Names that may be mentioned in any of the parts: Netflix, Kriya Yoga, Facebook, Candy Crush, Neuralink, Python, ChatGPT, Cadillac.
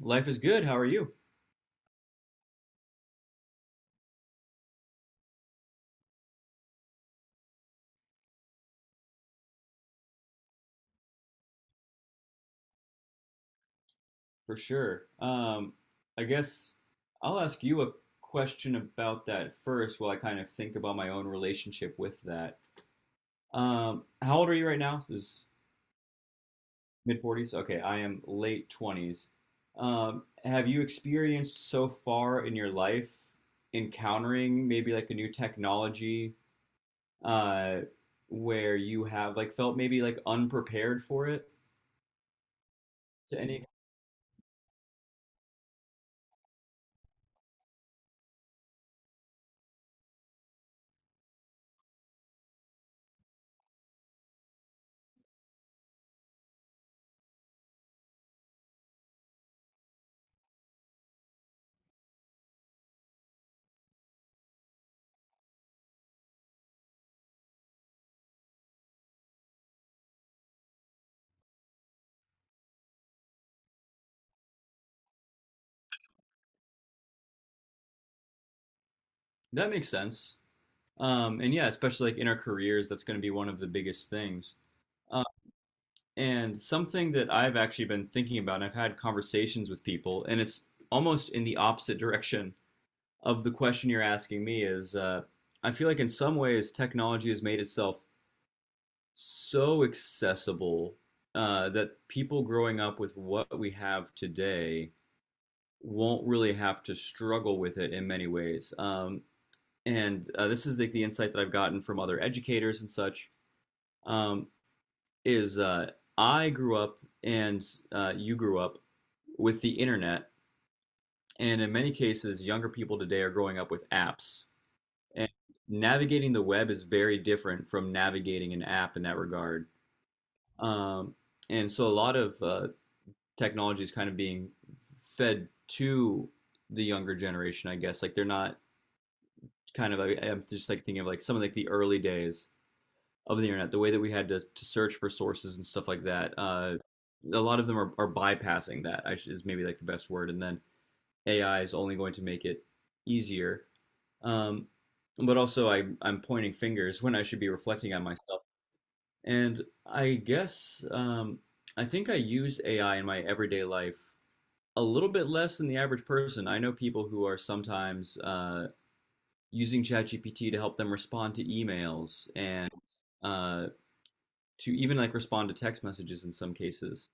Life is good. How are you? For sure. I guess I'll ask you a question about that first while I kind of think about my own relationship with that. How old are you right now? This is mid 40s? Okay, I am late 20s. Have you experienced so far in your life encountering maybe like a new technology uh, where you have like felt maybe like unprepared for it to any? That makes sense. And yeah, especially like in our careers, that's going to be one of the biggest things. Uh, and something that I've actually been thinking about, and I've had conversations with people, and it's almost in the opposite direction of the question you're asking me is I feel like in some ways technology has made itself so accessible that people growing up with what we have today won't really have to struggle with it in many ways. And this is like the insight that I've gotten from other educators and such um, is I grew up and you grew up with the internet, and in many cases, younger people today are growing up with apps. And navigating the web is very different from navigating an app in that regard. Um, and so, a lot of technology is kind of being fed to the younger generation, I guess. Like they're not I'm just like thinking of like some of like the early days of the internet, the way that we had to search for sources and stuff like that. A lot of them are bypassing that, is maybe like the best word. And then AI is only going to make it easier. Um, but also, I'm pointing fingers when I should be reflecting on myself. And I guess I think I use AI in my everyday life a little bit less than the average person. I know people who are sometimes using ChatGPT to help them respond to emails and uh, to even like respond to text messages in some cases.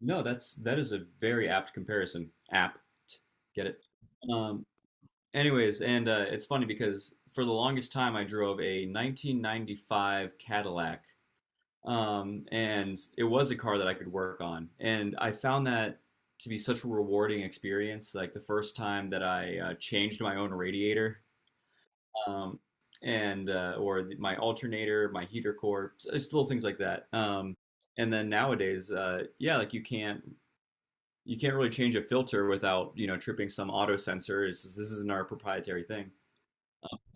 No, that's that is a very apt comparison. Apt, get it? Um, Anyways, and it's funny because for the longest time I drove a 1995 Cadillac, and it was a car that I could work on, and I found that to be such a rewarding experience. Like the first time that I changed my own radiator um, and or my alternator, my heater core, just little things like that. And then nowadays, yeah, like you can't really change a filter without you know tripping some auto sensor. It's, this isn't our proprietary thing.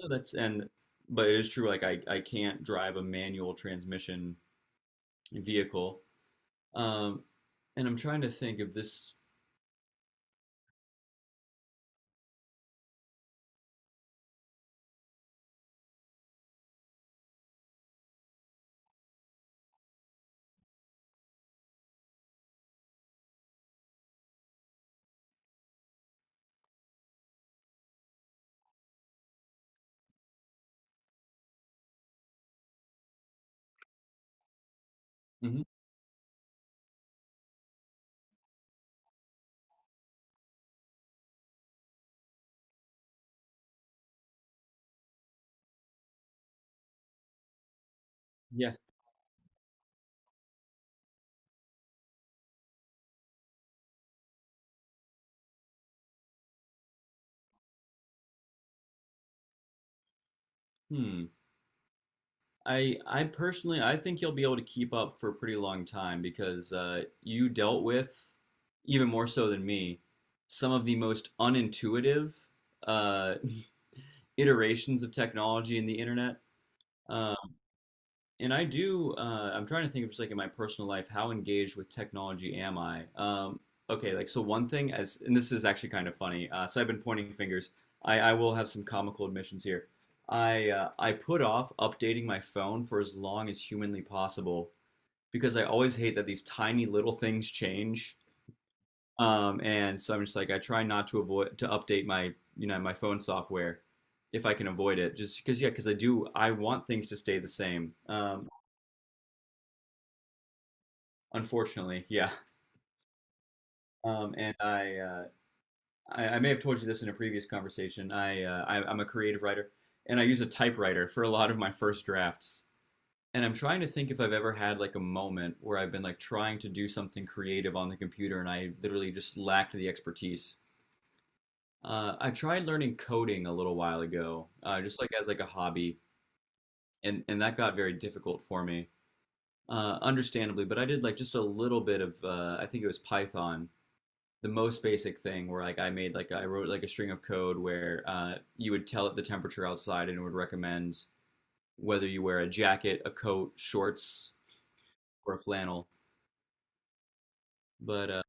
So that's and but it is true. Like I can't drive a manual transmission vehicle. Um, and I'm trying to think of this. Mhm. Yeah. Hmm. I personally I think you'll be able to keep up for a pretty long time because you dealt with even more so than me some of the most unintuitive uh, iterations of technology in the internet. Um, and I do, I'm trying to think of just like in my personal life, how engaged with technology am I? Okay, like so one thing as, and this is actually kind of funny. So I've been pointing fingers. I will have some comical admissions here. I put off updating my phone for as long as humanly possible because I always hate that these tiny little things change. And so I'm just like I try not to avoid to update my you know my phone software if I can avoid it just because yeah because I do I want things to stay the same. Unfortunately, yeah. And I may have told you this in a previous conversation. I'm a creative writer, and I use a typewriter for a lot of my first drafts. And I'm trying to think if I've ever had like a moment where I've been like trying to do something creative on the computer, and I literally just lacked the expertise. I tried learning coding a little while ago, just like as like a hobby, and that got very difficult for me, understandably. But I did like just a little bit of, I think it was Python, the most basic thing where like I made like I wrote like a string of code where you would tell it the temperature outside and it would recommend whether you wear a jacket, a coat, shorts, or a flannel. But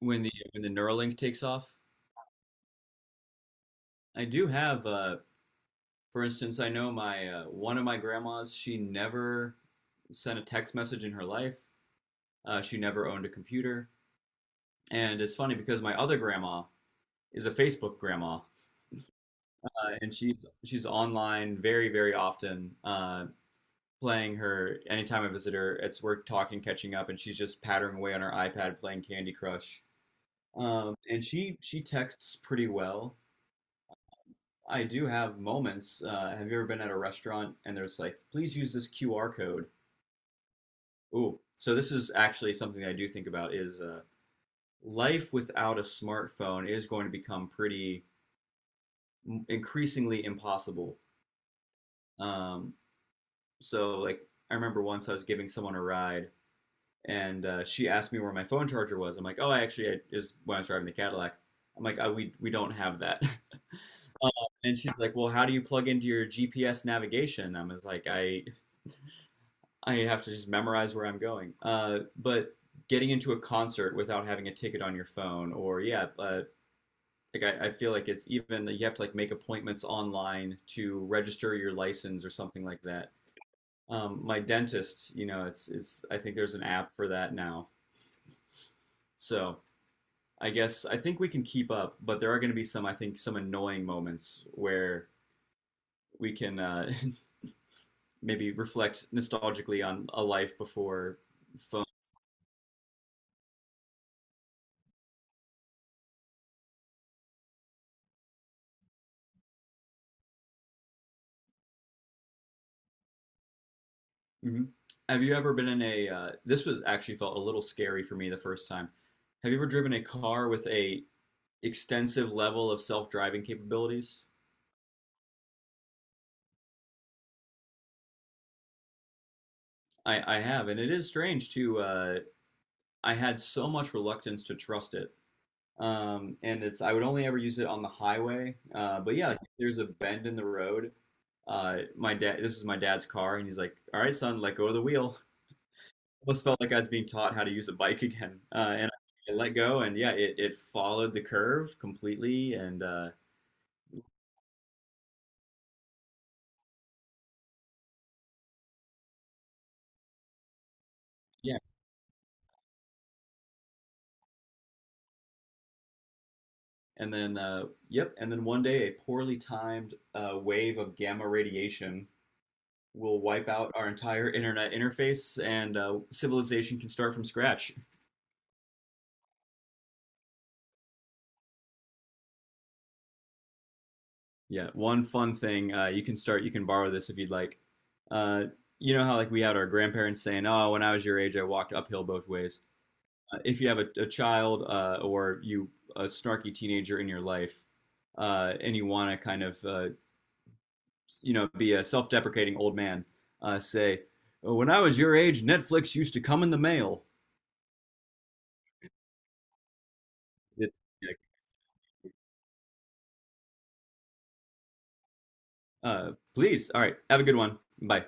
when the Neuralink takes off, I do have for instance, I know my one of my grandmas. She never sent a text message in her life. She never owned a computer, and it's funny because my other grandma is a Facebook grandma, and she's online very very often. Playing her anytime I visit her. It's we're talking, catching up, and she's just pattering away on her iPad playing Candy Crush. And she texts pretty well. I do have moments. Have you ever been at a restaurant and there's like, please use this QR code? Ooh, so this is actually something I do think about is life without a smartphone is going to become pretty increasingly impossible. Um, so like I remember once I was giving someone a ride and she asked me where my phone charger was. I'm like, oh, it was when I was driving the Cadillac. I'm like, oh, we don't have that. Uh, and she's like, well, how do you plug into your GPS navigation? I was like, I have to just memorize where I'm going. But getting into a concert without having a ticket on your phone, or yeah, like I feel like it's even you have to like make appointments online to register your license or something like that. My dentist, you know, it's I think there's an app for that now. So I guess I think we can keep up, but there are going to be some, I think, some annoying moments where we can maybe reflect nostalgically on a life before phone. Mhm. Have you ever been in a? This was actually felt a little scary for me the first time. Have you ever driven a car with a extensive level of self-driving capabilities? I have, and it is strange too. I had so much reluctance to trust it, and it's I would only ever use it on the highway. But yeah, like, if there's a bend in the road, my dad, this was my dad's car, and he's like, "All right, son, let go of the wheel." Almost felt like I was being taught how to use a bike again, and I let go, and yeah, it followed the curve completely, and yeah, and then yep, and then one day a poorly timed wave of gamma radiation will wipe out our entire internet interface, and civilization can start from scratch. Yeah, one fun thing, you can start, you can borrow this if you'd like. Uh, you know how like we had our grandparents saying, "Oh, when I was your age, I walked uphill both ways." If you have a child or you a snarky teenager in your life, and you want to kind of you know be a self-deprecating old man, say, "Oh, "When I was your age, Netflix used to come in the mail." It- like, please, all right, have a good one. Bye.